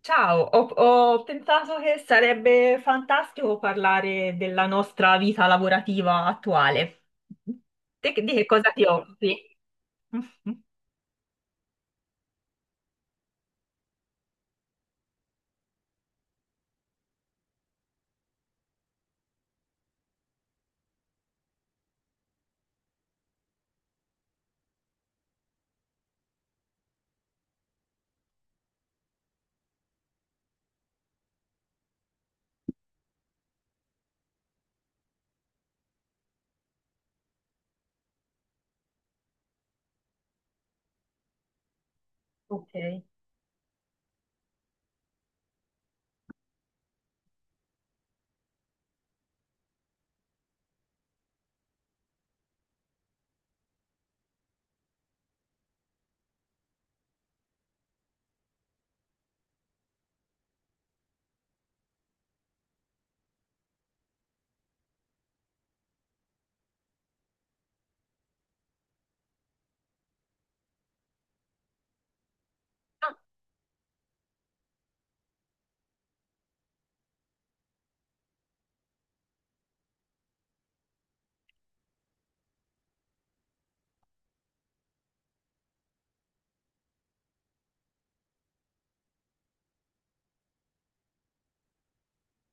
Ciao, ho pensato che sarebbe fantastico parlare della nostra vita lavorativa attuale. Te di che cosa ti occupi? Ok,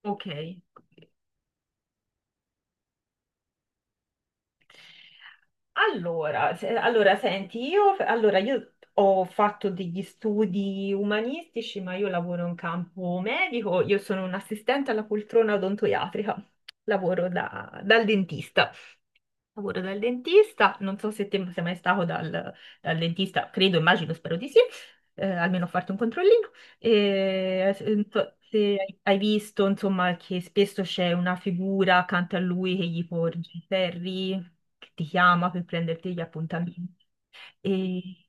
ok. Allora, senti, allora, io ho fatto degli studi umanistici, ma io lavoro in campo medico, io sono un assistente alla poltrona odontoiatrica, lavoro dal dentista. Lavoro dal dentista, non so se te sei mai stato dal dal dentista, credo, immagino, spero di sì, almeno farti un controllino. E, se hai visto, insomma, che spesso c'è una figura accanto a lui che gli porge i ferri, che ti chiama per prenderti gli appuntamenti. E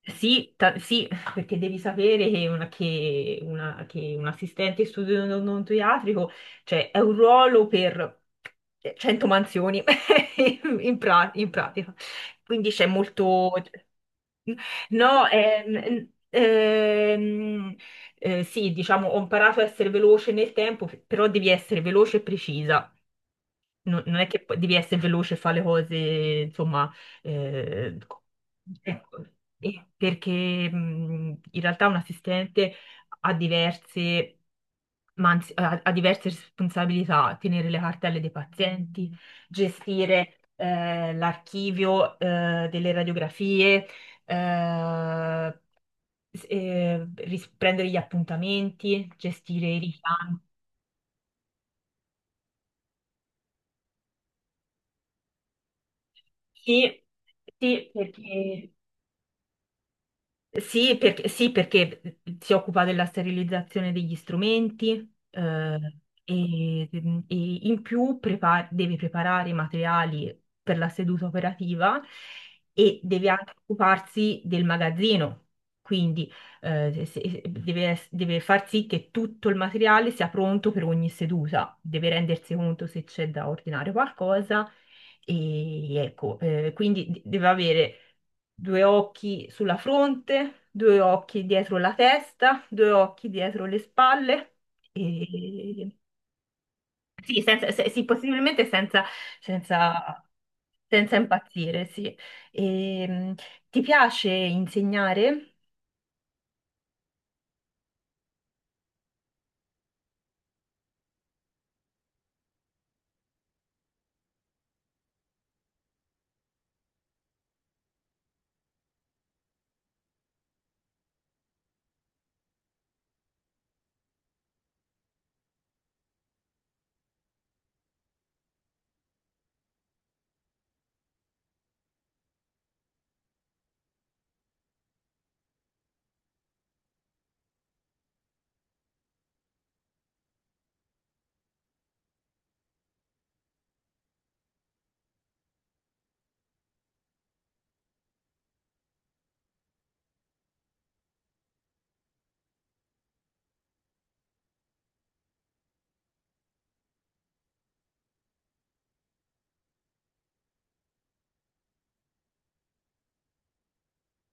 sì, sì, perché devi sapere che, che un assistente in studio odontoiatrico, cioè, è un ruolo per 100 mansioni in, in pratica. Quindi c'è molto. No, sì, diciamo, ho imparato a essere veloce nel tempo, però devi essere veloce e precisa, non è che poi devi essere veloce e fare le cose, insomma, eh, co- ecco. E perché in realtà un assistente ha diverse, ma anzi, ha diverse responsabilità: tenere le cartelle dei pazienti, gestire l'archivio delle radiografie, eh, prendere gli appuntamenti, gestire i richiami. Sì, sì, perché si occupa della sterilizzazione degli strumenti, e in più deve preparare i materiali per la seduta operativa e deve anche occuparsi del magazzino. Quindi deve, deve far sì che tutto il materiale sia pronto per ogni seduta, deve rendersi conto se c'è da ordinare qualcosa, e ecco, quindi deve avere due occhi sulla fronte, due occhi dietro la testa, due occhi dietro le spalle, e sì, sì, possibilmente senza, senza, impazzire, sì. Ehm, Ti piace insegnare?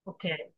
Ok,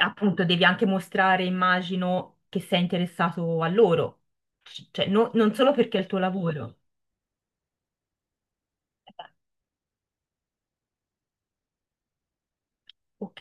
appunto devi anche mostrare, immagino, che sei interessato a loro. Cioè non solo perché è il tuo lavoro. Eh, Ok.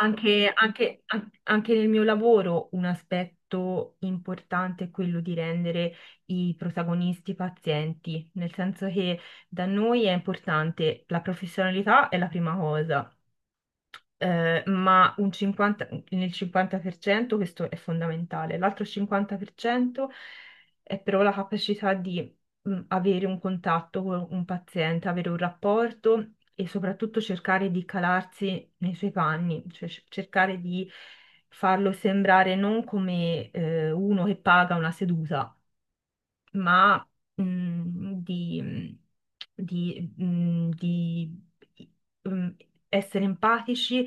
Anche nel mio lavoro un aspetto importante è quello di rendere i protagonisti pazienti, nel senso che da noi è importante, la professionalità è la prima cosa, ma un 50 nel 50% questo è fondamentale. L'altro 50% è però la capacità di avere un contatto con un paziente, avere un rapporto e soprattutto cercare di calarsi nei suoi panni, cioè cercare di farlo sembrare non come uno che paga una seduta, ma mm, di, mhmm, di, mm, essere empatici,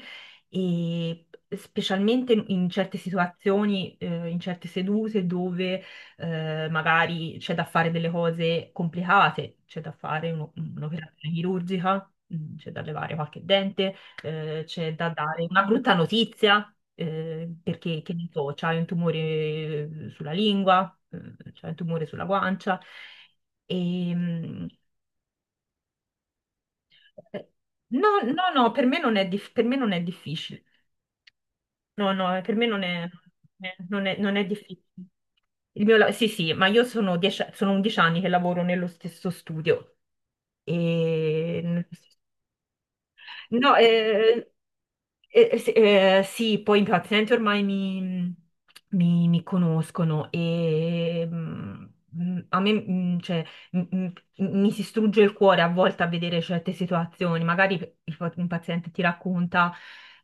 e specialmente in certe situazioni, in certe sedute dove magari c'è da fare delle cose complicate, c'è da fare un'operazione chirurgica, c'è da levare qualche dente, c'è da dare una brutta notizia, perché che ne so, c'hai un tumore sulla lingua, c'hai un tumore sulla guancia. E, mm, eh, no, no, no, per me non è difficile. No, no, per me non è, non è, non è difficile. Sì, sì, ma io sono 11 anni che lavoro nello stesso studio. E no, sì, sì, poi i pazienti ormai mi conoscono, e a me, cioè, m- m- mi si strugge il cuore a volte a vedere certe situazioni. Magari un paziente ti racconta,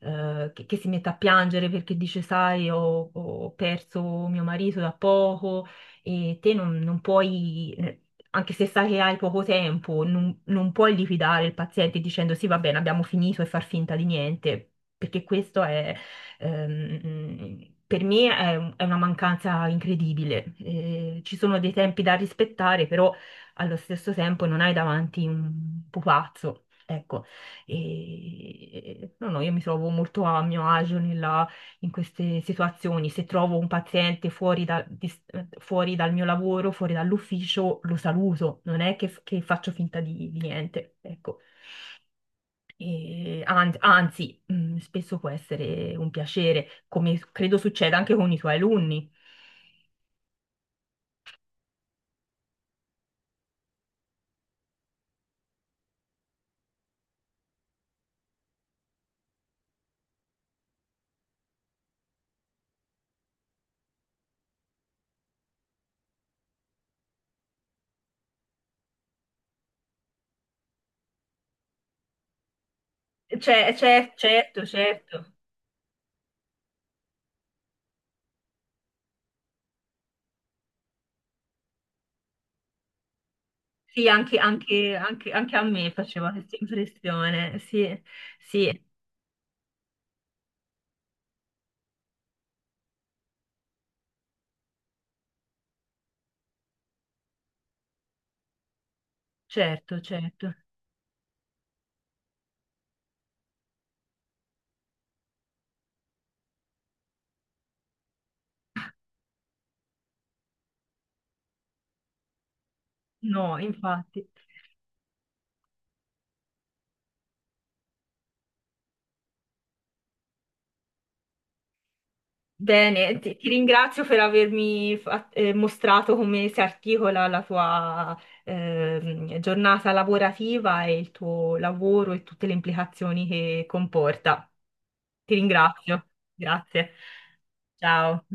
che, si mette a piangere perché dice: "Sai, ho perso mio marito da poco", e te non puoi, anche se sai che hai poco tempo, non puoi liquidare il paziente dicendo: "Sì, va bene, abbiamo finito", e far finta di niente, perché questo è, per me, è una mancanza incredibile. Ci sono dei tempi da rispettare, però allo stesso tempo non hai davanti un pupazzo. Ecco. No no, io mi trovo molto a mio agio nella in queste situazioni. Se trovo un paziente fuori, fuori dal mio lavoro, fuori dall'ufficio, lo saluto. Non è che, faccio finta di niente, ecco. Anzi, spesso può essere un piacere, come credo succeda anche con i tuoi alunni. Cioè, certo, certo. Sì, anche a me faceva questa impressione. Sì, sì, certo, certo. No, infatti. Bene, ti ringrazio per avermi mostrato come si articola la tua giornata lavorativa e il tuo lavoro e tutte le implicazioni che comporta. Ti ringrazio. Grazie. Ciao.